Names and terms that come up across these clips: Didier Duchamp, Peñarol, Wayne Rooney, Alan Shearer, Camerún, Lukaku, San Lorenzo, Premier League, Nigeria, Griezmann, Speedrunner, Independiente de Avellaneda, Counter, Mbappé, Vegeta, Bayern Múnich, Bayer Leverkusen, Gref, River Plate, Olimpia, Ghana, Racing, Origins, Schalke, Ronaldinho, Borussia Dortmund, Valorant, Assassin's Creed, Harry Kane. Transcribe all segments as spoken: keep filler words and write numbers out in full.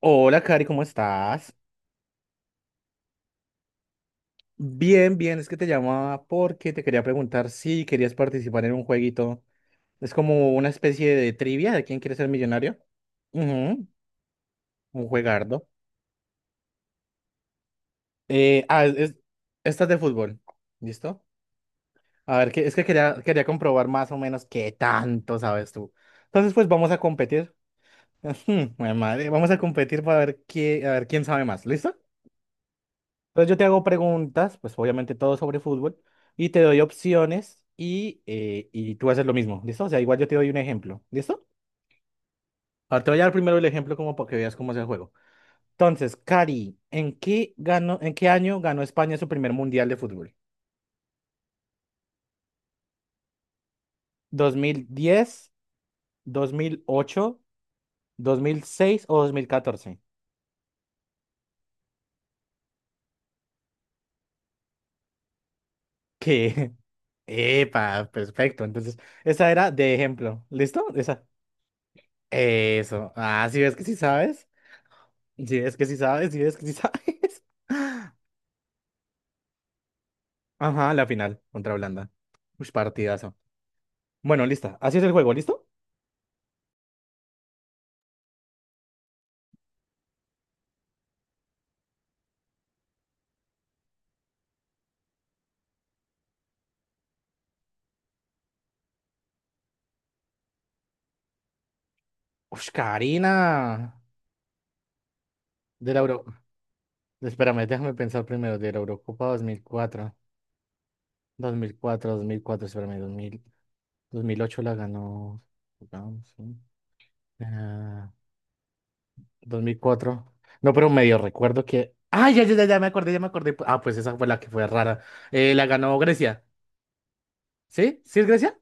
Hola, Cari, ¿cómo estás? Bien, bien, es que te llamaba porque te quería preguntar si querías participar en un jueguito. Es como una especie de trivia de quién quiere ser millonario. Ujú, un juegardo. Eh, ah, es, esta es de fútbol. ¿Listo? A ver, que, es que quería, quería comprobar más o menos qué tanto sabes tú. Entonces, pues vamos a competir. Ujú, jue madre, vamos a competir para ver qué, a ver quién sabe más. ¿Listo? Entonces yo te hago preguntas, pues obviamente todo sobre fútbol, y te doy opciones y, eh, y tú haces lo mismo, ¿listo? O sea, igual yo te doy un ejemplo, ¿listo? Ahora te voy a dar primero el ejemplo como para que veas cómo es el juego. Entonces, Cari, ¿en qué ganó, en qué año ganó España su primer mundial de fútbol? Dos dos mil mil diez, dos mil ocho, dos mil seis o dos mil catorce. ¿Qué? Epa, perfecto. Entonces, esa era de ejemplo, ¿listo? Esa. Eso. Ah, sí ves que sí sabes. Si es que sí sabes, si es que sí sabes. Ajá, la final contra Holanda. Uy, partidazo. Bueno, lista. Así es el juego, ¿listo? Uy, Karina. De la Euro... Espérame, déjame pensar primero. De la Eurocopa dos dos mil cuatro. Dos mil cuatro, dos mil cuatro, dos mil cuatro. dos mil cuatro, dos mil cuatro, espérame, dos mil dos mil ocho la ganó. Jugamos, sí. Ah, dos mil cuatro. No, pero medio recuerdo que... Ah, ya, ya, ya, ya me acordé, ya me acordé. Ah, pues esa fue la que fue rara. Eh, la ganó Grecia. ¿Sí? ¿Sí es Grecia?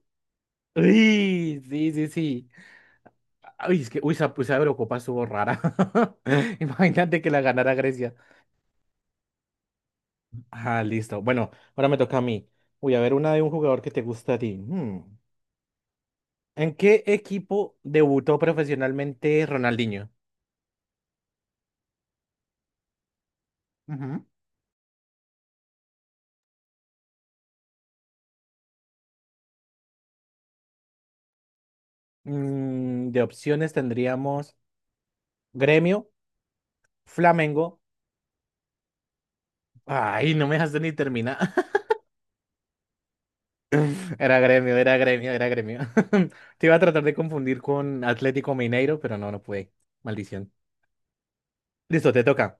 Uy, sí, sí, sí. Uy, es que uy, esa, pues, esa Eurocopa estuvo rara. Imagínate que la ganara Grecia. Ah, listo. Bueno, ahora me toca a mí. Voy a ver una de un jugador que te gusta a ti. Hmm. ¿En qué equipo debutó profesionalmente Ronaldinho? Ujú. Mm, de opciones tendríamos Gremio, Flamengo. Ay, no me dejaste ni terminar. Era Gremio, era Gremio, era Gremio. Te iba a tratar de confundir con Atlético Mineiro, pero no, no pude. Maldición. Listo, te toca.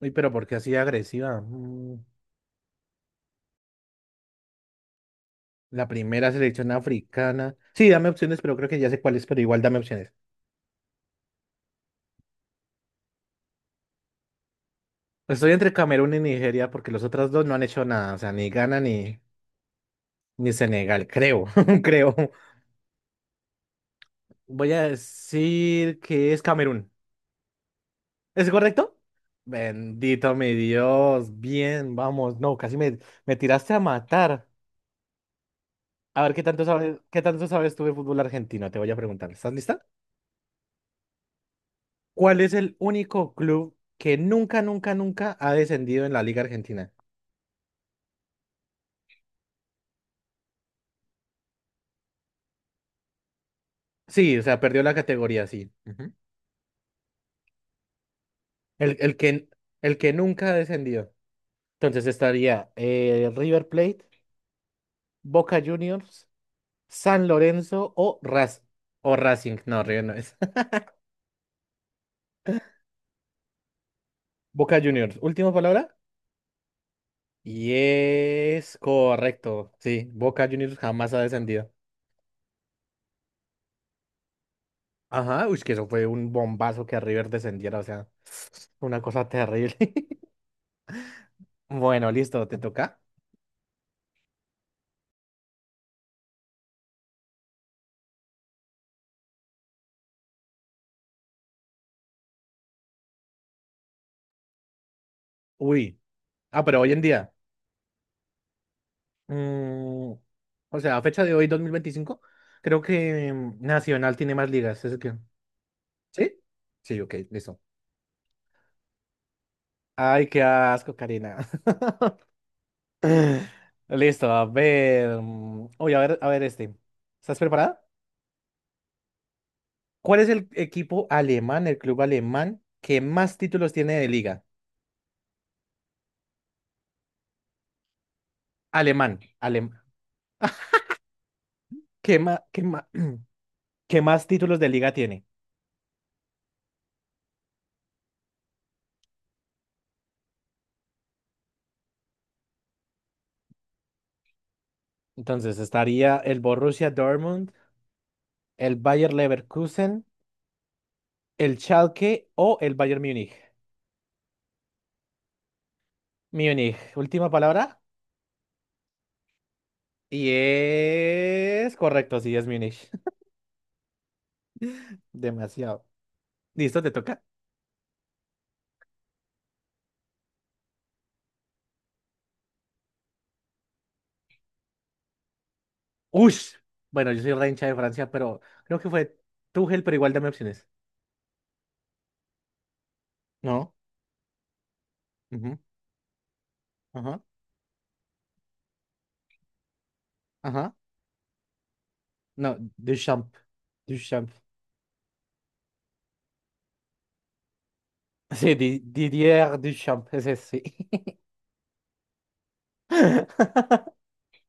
Uy, pero ¿por qué así agresiva? Mm, La primera selección africana. Sí, dame opciones, pero creo que ya sé cuál es, pero igual dame opciones. Estoy entre Camerún y Nigeria porque los otros dos no han hecho nada. O sea, ni Ghana ni, ni Senegal, creo, creo. Voy a decir que es Camerún. ¿Es correcto? Bendito mi Dios. Bien, vamos. No, casi me, me tiraste a matar. A ver, ¿qué tanto sabes, qué tanto sabes tú de fútbol argentino? Te voy a preguntar. ¿Estás lista? ¿Cuál es el único club que nunca, nunca, nunca ha descendido en la Liga Argentina? Sí, o sea, perdió la categoría, sí. Ujú. El, el que, el que nunca ha descendido. Entonces estaría eh, River Plate, Boca Juniors, San Lorenzo o Raz o Racing. No, River no es. Boca Juniors. Última palabra. Y es correcto. Sí, Boca Juniors jamás ha descendido. Ajá, uy, que eso fue un bombazo que River descendiera, o sea, una cosa terrible. Bueno, listo, ¿te toca? Uy, ah, pero hoy en día, mm, o sea, a fecha de hoy, dos mil veinticinco creo que mm, Nacional tiene más ligas, ¿es que? ¿Sí? Sí, ok, listo. Ay, qué asco, Karina. Listo, a ver. mm, Uy, a ver, a ver este. ¿Estás preparada? ¿Cuál es el equipo alemán, el club alemán que más títulos tiene de liga? Alemán, alemán. ¿Qué más? Que más títulos de liga tiene. Entonces estaría el Borussia Dortmund, el Bayer Leverkusen, el Schalke o el Bayern Múnich. Múnich, última palabra. Y es correcto, sí, es Múnich. Demasiado. ¿Listo? ¿Te toca? ¡Ush! Bueno, yo soy re hincha de Francia, pero creo que fue Tuchel, pero igual dame opciones. No. Ujú. Ajá. Ajá. No, Duchamp. Duchamp. Sí, Di- Didier Duchamp, ese sí.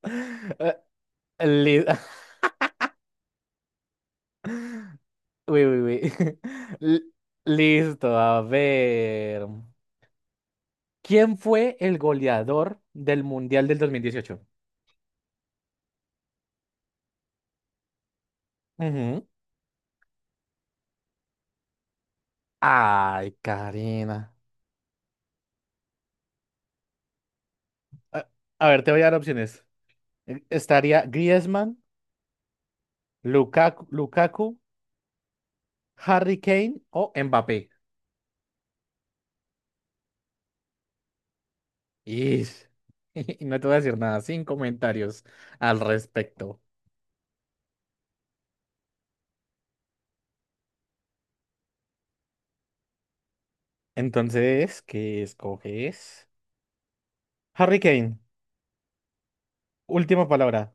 Eh, li- Uy, uy, uy. L- Listo, a ver. ¿Quién fue el goleador del Mundial del dos mil dieciocho? Ujú. Ay, Karina. A, a ver, te voy a dar opciones. E- Estaría Griezmann, Lukaku, Lukaku, Harry Kane o Mbappé. Ish. Y no te voy a decir nada, sin comentarios al respecto. Entonces, ¿qué escoges? Harry Kane, última palabra.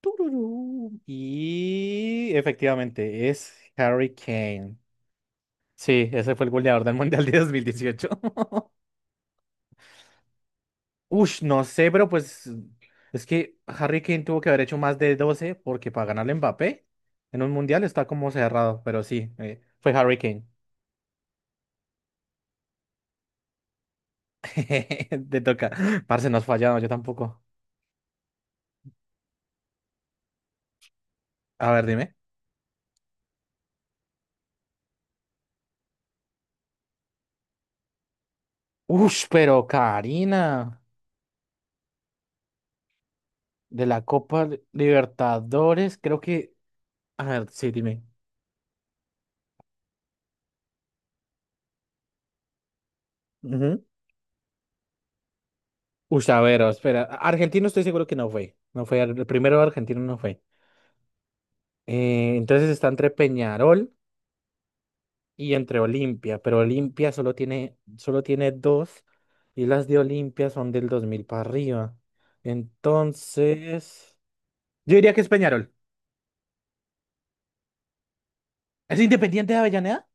Tururú. Y efectivamente, es Harry Kane. Sí, ese fue el goleador del Mundial de dos mil dieciocho. Ush, no sé, pero pues es que Harry Kane tuvo que haber hecho más de doce porque para ganarle a Mbappé en un Mundial está como cerrado, pero sí, eh, fue Harry Kane. Te toca. Parce, nos fallaron, yo tampoco. A ver, dime. Ush, pero Karina, de la Copa Libertadores, creo que... A ver, sí, dime. Uy, a ver, oh, espera. Argentino estoy seguro que no fue. No fue, ar- el primero argentino no fue. Eh, entonces está entre Peñarol y entre Olimpia, pero Olimpia solo tiene, solo tiene dos y las de Olimpia son del dos mil para arriba. Entonces, yo diría que es Peñarol. ¿Es Independiente de Avellaneda?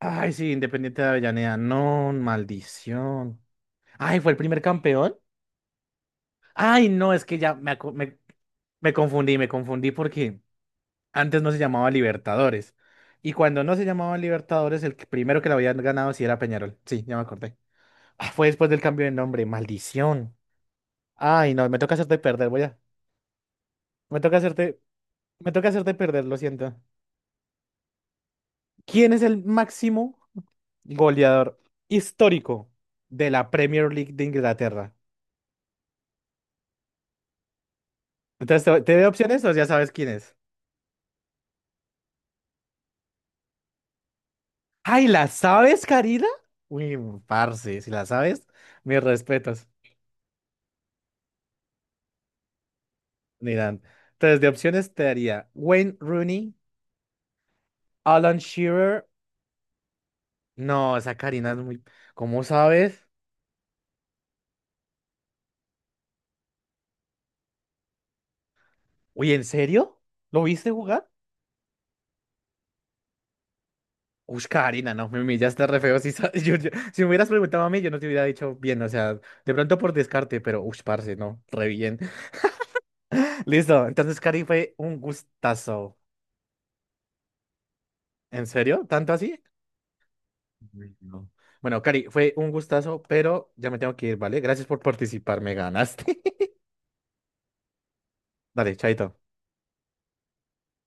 Ay, sí, Independiente de Avellaneda. No, maldición. Ay, ¿fue el primer campeón? Ay, no, es que ya me, acu- me, me confundí, me confundí porque... Antes no se llamaba Libertadores. Y cuando no se llamaba Libertadores, el que- primero que la habían ganado sí era Peñarol. Sí, ya me acordé. Ah, fue después del cambio de nombre. Maldición. Ay, no, me toca hacerte perder, voy a. Me toca hacerte. Me toca hacerte perder, lo siento. ¿Quién es el máximo goleador histórico de la Premier League de Inglaterra? Entonces, ¿te, te doy opciones o ya sabes quién es? Ay, ¿la sabes, Karina? Uy, parce, si la sabes, mis respetos. Miran. Entonces, de opciones te daría Wayne Rooney, Alan Shearer. No, esa Karina es muy. ¿Cómo sabes? Uy, ¿en serio? ¿Lo viste jugar? Uy, Karina, no, me humillaste re feo. Si, sa- yo- yo- si me hubieras preguntado a mí, yo no te hubiera dicho bien, o sea, de pronto por descarte, pero uy, parce, no, re bien. Listo, entonces, Cari, fue un gustazo. ¿En serio? ¿Tanto así? Uy, no. Bueno, Cari, fue un gustazo, pero ya me tengo que ir, ¿vale? Gracias por participar, me ganaste. Dale, chaito.